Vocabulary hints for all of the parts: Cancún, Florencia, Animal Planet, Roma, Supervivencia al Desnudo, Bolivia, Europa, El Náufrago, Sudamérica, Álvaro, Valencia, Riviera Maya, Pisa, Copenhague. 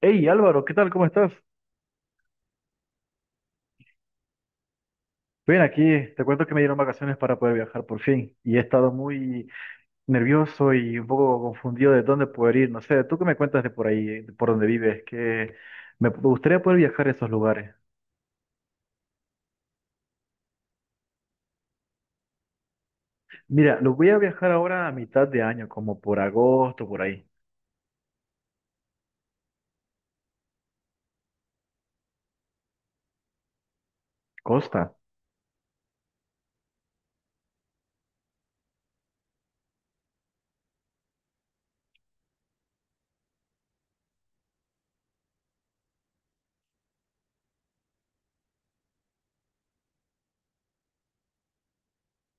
Hey Álvaro, ¿qué tal? ¿Cómo estás? Bien, aquí te cuento que me dieron vacaciones para poder viajar por fin y he estado muy nervioso y un poco confundido de dónde poder ir. No sé, ¿tú qué me cuentas de por ahí, de por donde vives? Que me gustaría poder viajar a esos lugares. Mira, lo voy a viajar ahora a mitad de año, como por agosto, por ahí. Costa,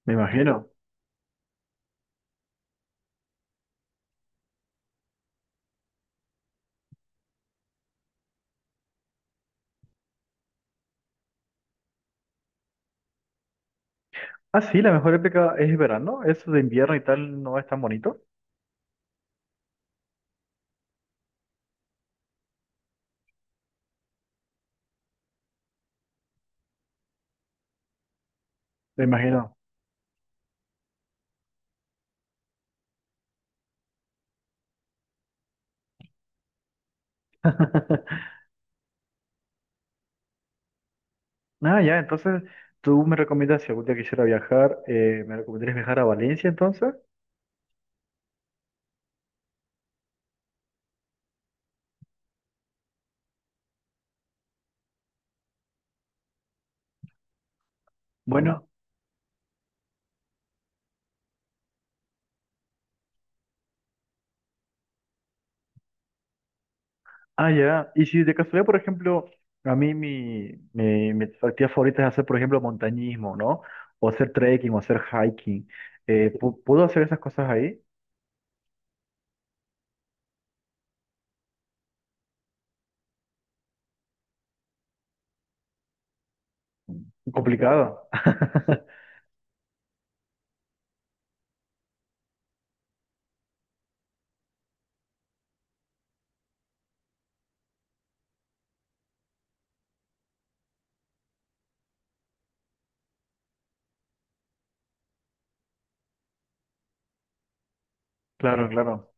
me imagino. Ah, sí, la mejor época es verano. Eso de invierno y tal no es tan bonito. Me imagino. Ah, ya, entonces tú me recomiendas si algún día quisiera viajar, ¿me recomendarías viajar a Valencia entonces? Bueno, ah, ya. Y si de casualidad, por ejemplo, a mí mi actividad favorita es hacer, por ejemplo, montañismo, ¿no? O hacer trekking o hacer hiking. ¿Puedo hacer esas cosas ahí? Complicado. Claro, claro.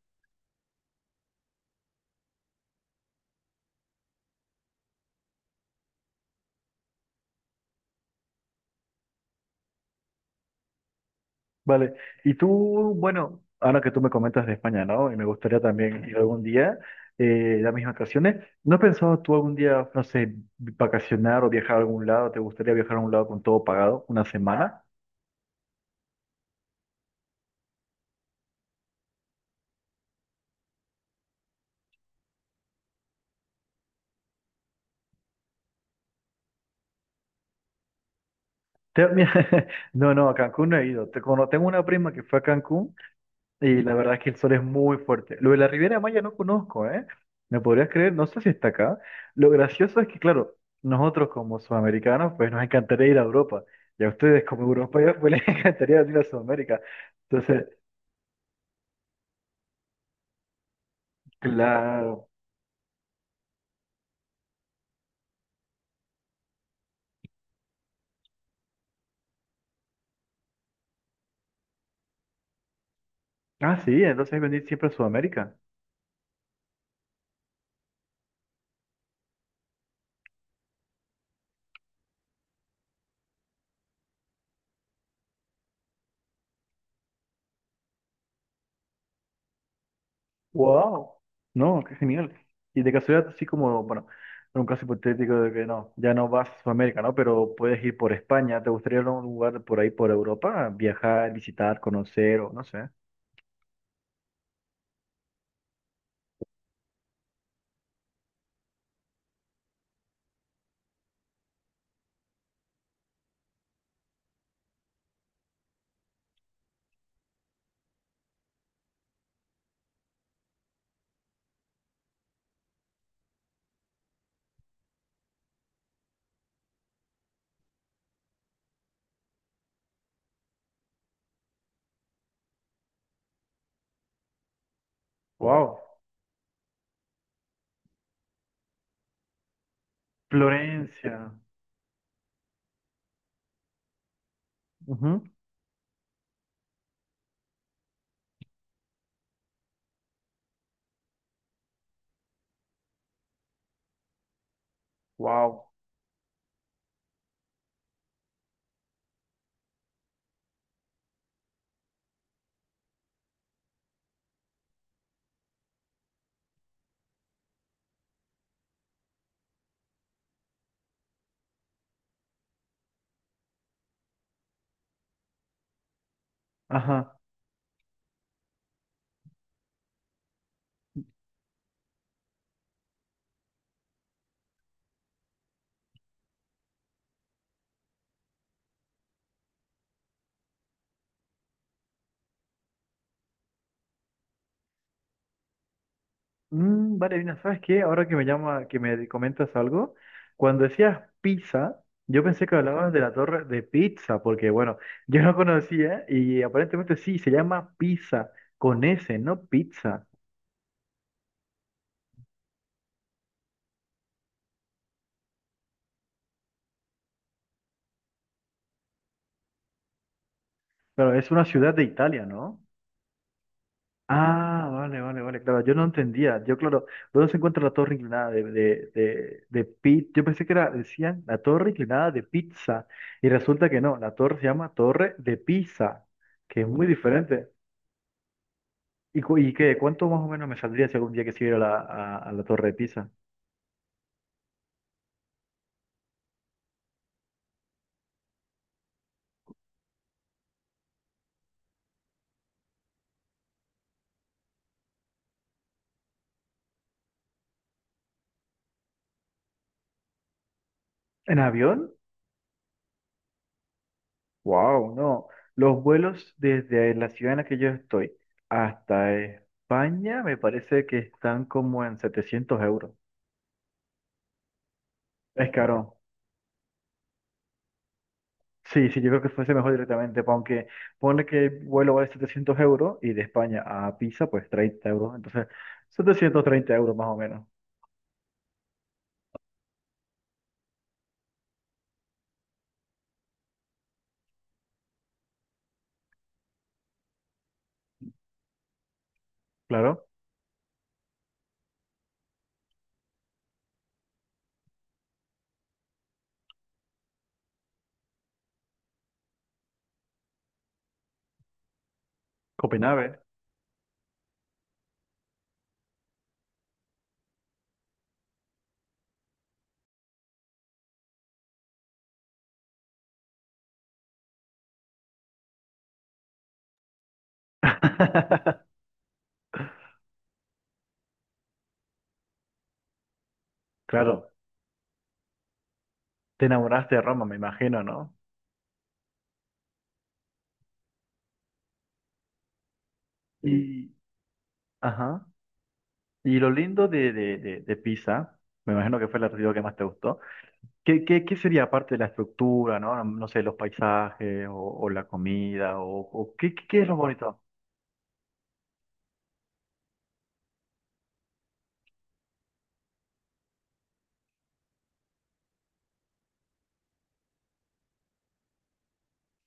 Vale, y tú, bueno, ahora que tú me comentas de España, ¿no? Y me gustaría también ir algún día, las mismas vacaciones. ¿No has pensado tú algún día, no sé, vacacionar o viajar a algún lado? ¿Te gustaría viajar a un lado con todo pagado, una semana? Mira, no, no, a Cancún no he ido. Tengo una prima que fue a Cancún. Y la verdad es que el sol es muy fuerte. Lo de la Riviera Maya no conozco, ¿eh? ¿Me podrías creer? No sé si está acá. Lo gracioso es que, claro, nosotros como sudamericanos, pues nos encantaría ir a Europa. Y a ustedes como europeos, pues les encantaría ir a Sudamérica. Entonces, claro. Ah, sí, entonces venir siempre a Sudamérica. ¡Wow! No, qué genial. Y de casualidad, así como, bueno, en un caso hipotético de que no, ya no vas a Sudamérica, ¿no? Pero puedes ir por España. ¿Te gustaría ir a un lugar por ahí, por Europa? Viajar, visitar, conocer o no sé. Wow. Florencia. Ujú. Wow. Ajá. Mm, vale, Dina, ¿sabes qué? Ahora que me llama, que me comentas algo, cuando decías pizza, yo pensé que hablabas de la torre de pizza, porque bueno, yo no conocía y aparentemente sí, se llama pizza con S, no pizza. Pero es una ciudad de Italia, ¿no? Ah, vale, vale, vale, claro, yo no entendía, yo claro, ¿dónde se encuentra la torre inclinada de. Yo pensé que era, decían, la torre inclinada de pizza, y resulta que no, la torre se llama torre de pizza, que es muy diferente. ¿Y, y qué? ¿Cuánto más o menos me saldría si algún día quisiera ir a la, a la torre de pizza? ¿En avión? Wow, no, los vuelos desde la ciudad en la que yo estoy hasta España me parece que están como en 700 euros. Es caro. Sí, sí, yo creo que fuese mejor directamente, aunque pone que el vuelo vale 700 € y de España a Pisa, pues 30 euros. Entonces, 730 € más o menos. Claro, Copenhague. Claro, te enamoraste de Roma, me imagino, ¿no? Y, ajá. Y lo lindo de Pisa, me imagino que fue la artículo que más te gustó. ¿Qué sería aparte de la estructura, ¿no? No sé, los paisajes o la comida o qué es lo bonito.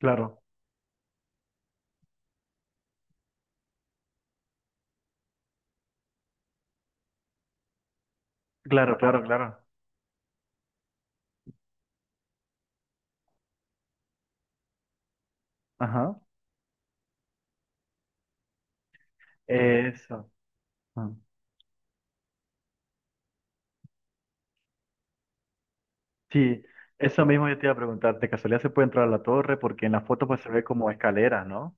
Claro, claro, claro, claro. Ajá. Eso. Ah, sí, eso mismo yo te iba a preguntar. ¿De casualidad se puede entrar a la torre? Porque en la foto pues se ve como escaleras, ¿no?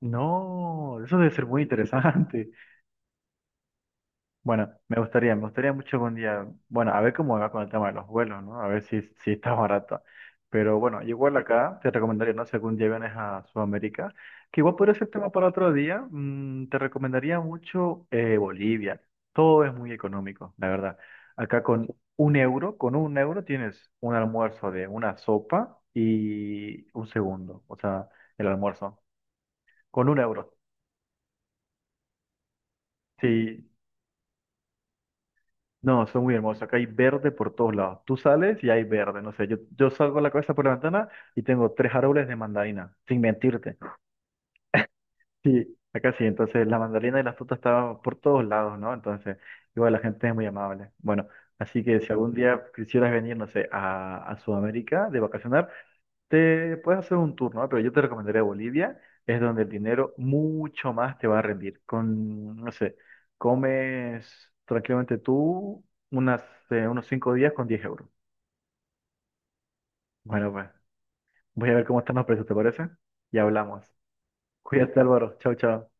No, eso debe ser muy interesante. Bueno, me gustaría mucho algún día, bueno, a ver cómo va con el tema de los vuelos, ¿no? A ver si, está barato. Pero bueno, igual acá te recomendaría, no sé, algún día vienes a Sudamérica, que igual podría ser tema para otro día, te recomendaría mucho Bolivia. Todo es muy económico, la verdad. Acá con un euro tienes un almuerzo de una sopa y un segundo, o sea, el almuerzo, con un euro. Sí, no, son muy hermosos. Acá hay verde por todos lados. Tú sales y hay verde. No sé, yo salgo a la cabeza por la ventana y tengo tres árboles de mandarina, sin mentirte. Sí, acá sí. Entonces la mandarina y la fruta estaban por todos lados, ¿no? Entonces, igual la gente es muy amable. Bueno, así que si algún día quisieras venir, no sé, a Sudamérica de vacacionar, te puedes hacer un turno, ¿eh? Pero yo te recomendaría Bolivia, es donde el dinero mucho más te va a rendir. Con, no sé, comes tranquilamente tú unas, unos 5 días con 10 euros. Bueno, pues voy a ver cómo están los precios, ¿te parece? Y hablamos. Cuídate, Álvaro. Chao, chao.